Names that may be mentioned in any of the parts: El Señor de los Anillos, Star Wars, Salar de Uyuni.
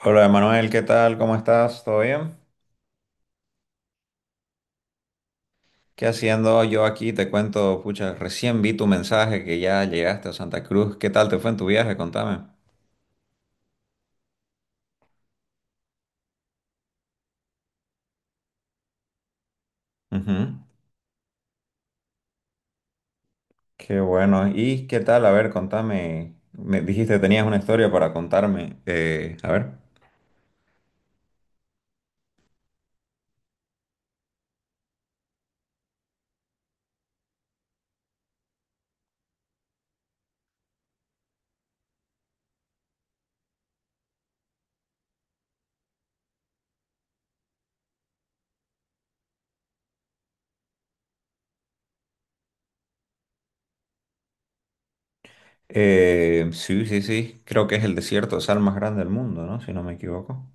Hola Manuel, ¿qué tal? ¿Cómo estás? ¿Todo bien? ¿Qué haciendo yo aquí? Te cuento, pucha, recién vi tu mensaje que ya llegaste a Santa Cruz. ¿Qué tal te fue en tu viaje? Contame. Ujú. Qué bueno. ¿Y qué tal? A ver, contame. Me dijiste que tenías una historia para contarme. A ver. Sí, sí, sí. Creo que es el desierto de sal más grande del mundo, ¿no? Si no me equivoco.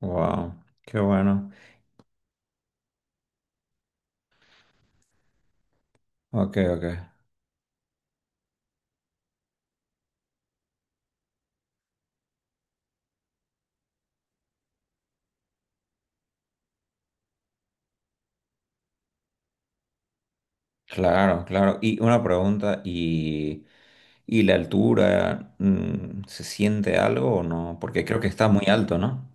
Wow. Qué bueno. Ok, ok. Claro, claro. Y una pregunta, ¿y la altura, se siente algo o no? Porque creo que está muy alto, ¿no?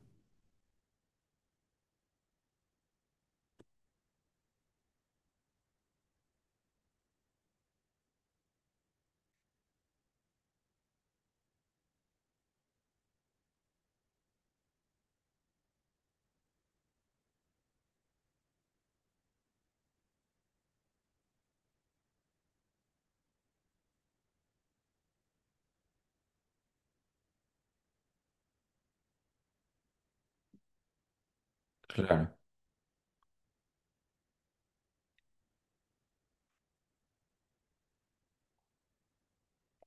Claro,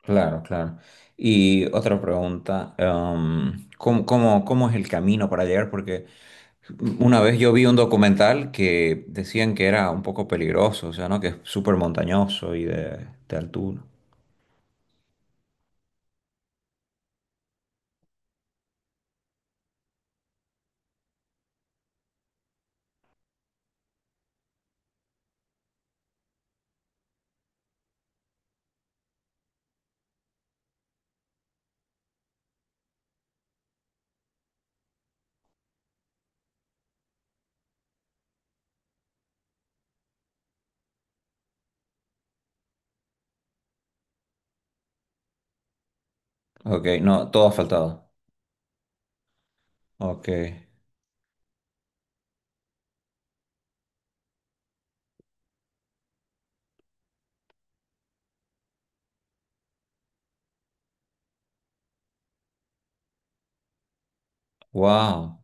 claro, claro. Y otra pregunta, ¿cómo, cómo es el camino para llegar? Porque una vez yo vi un documental que decían que era un poco peligroso, o sea, ¿no? Que es súper montañoso y de altura. Ok, no, todo ha faltado. Ok, wow.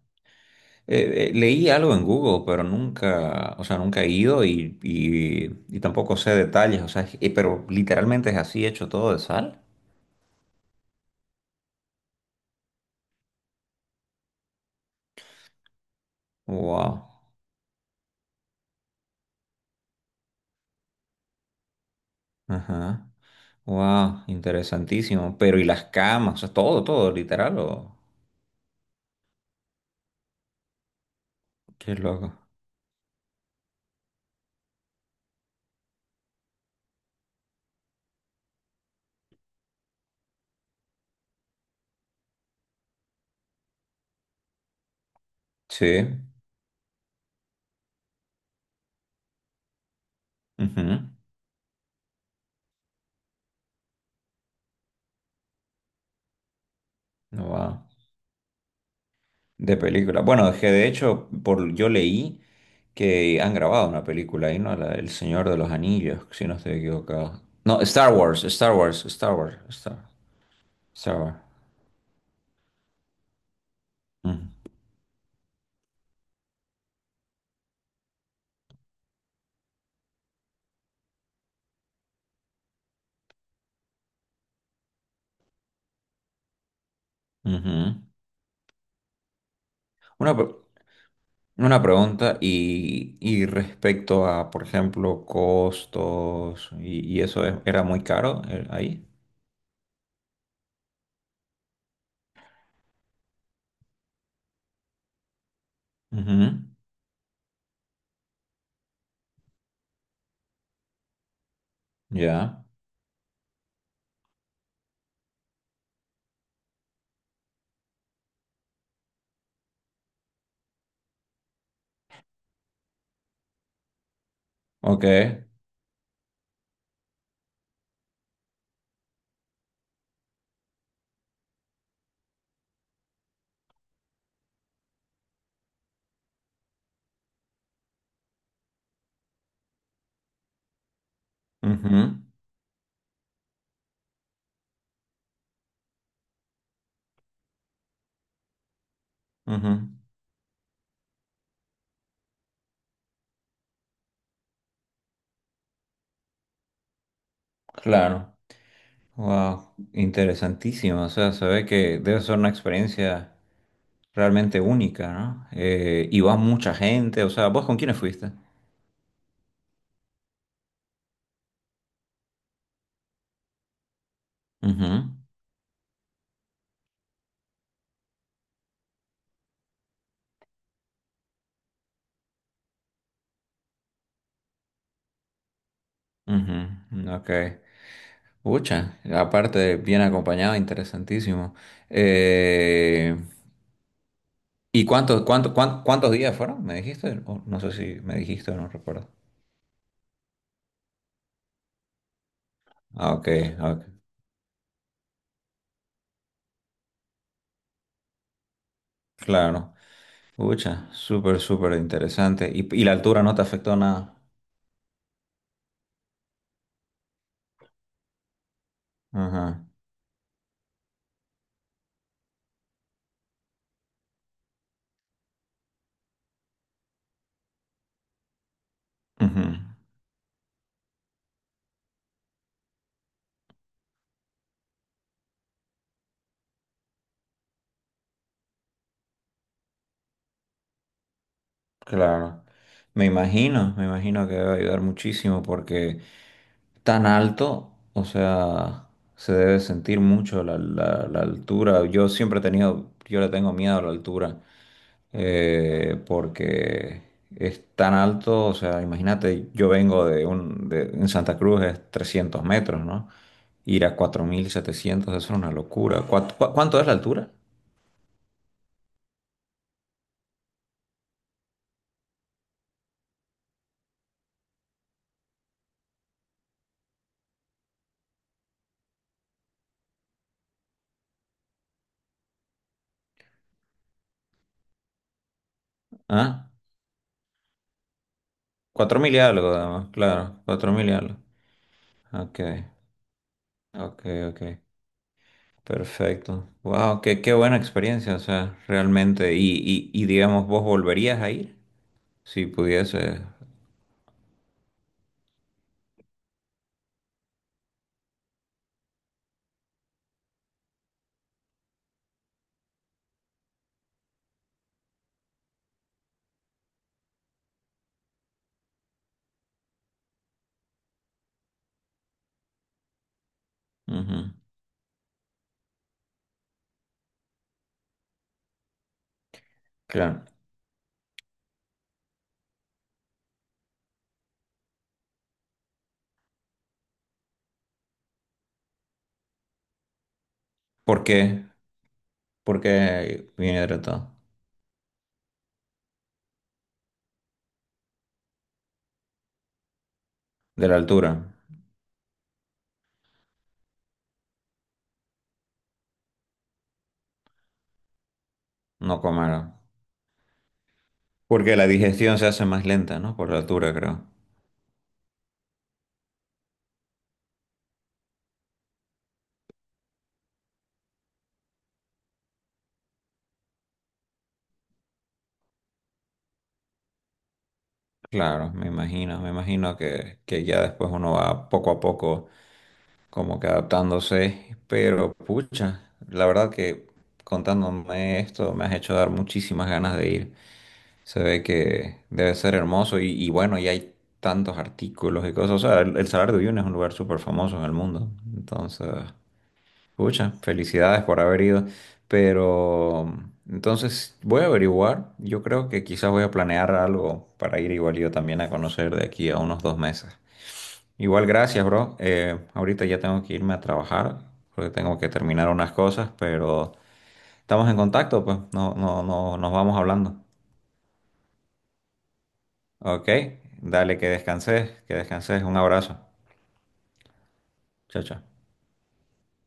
Leí algo en Google, pero nunca, o sea, nunca he ido y tampoco sé detalles, o sea, pero literalmente es así hecho todo de sal. Wow, ajá, wow, interesantísimo. Pero y las camas, o sea, todo, todo, literal, o qué loco. Sí, mhm. Wow, de película. Bueno, es que de hecho, por yo leí que han grabado una película ahí, ¿no? El Señor de los Anillos, si no estoy equivocado. No, Star Wars, Star Wars. Star Wars. Ujú, ujú. Una, pre- una pregunta y respecto a, por ejemplo, costos y era muy caro ahí. Ujú. Ya. Ok. Ujú, ujú. Claro. Wow, interesantísimo. O sea, se ve que debe ser una experiencia realmente única, ¿no? Y va mucha gente. O sea, ¿vos con quiénes fuiste? Ujú, ujú, Ok. Pucha, aparte, bien acompañado, interesantísimo. Eh, ¿Y cuántos, cuántos días fueron? ¿Me dijiste? O no sé si me dijiste o no recuerdo. Ah, ok, ah, ok, claro. Pucha, súper, súper interesante. Y la altura no te afectó nada? Ajá. Ujú. Claro, me imagino que debe ayudar muchísimo porque tan alto, o sea, se debe sentir mucho la, la altura. Yo siempre he tenido, yo le tengo miedo a la altura porque es tan alto, o sea, imagínate, yo vengo de un, de, en Santa Cruz es 300 metros, ¿no? Ir a 4.700, eso es una locura. ¿Cuánto, cuánto es la altura? ¿Ah? 4.000 y algo, además, claro, 4.000 y algo. Ok. Ok, ok, perfecto. Wow, qué, qué buena experiencia, o sea, realmente. Y digamos, ¿vos volverías a ir? Si pudiese. Ujú. Claro. ¿Por qué? ¿Por qué viene hidratado? De la altura, no comer. Porque la digestión se hace más lenta, ¿no? Por la altura, creo. Claro, me imagino que ya después uno va poco a poco como que adaptándose, pero pucha, la verdad que contándome esto me has hecho dar muchísimas ganas de ir. Se ve que debe ser hermoso y bueno, y hay tantos artículos y cosas. O sea, el Salar de Uyuni es un lugar súper famoso en el mundo. Entonces, pucha, felicidades por haber ido. Pero entonces voy a averiguar. Yo creo que quizás voy a planear algo para ir igual yo también a conocer de aquí a unos 2 meses. Igual, gracias, bro. Ahorita ya tengo que irme a trabajar porque tengo que terminar unas cosas, pero estamos en contacto, pues no, no, no, nos vamos hablando. Ok, dale, que descanses, que descanses. Un abrazo. Chao, chao.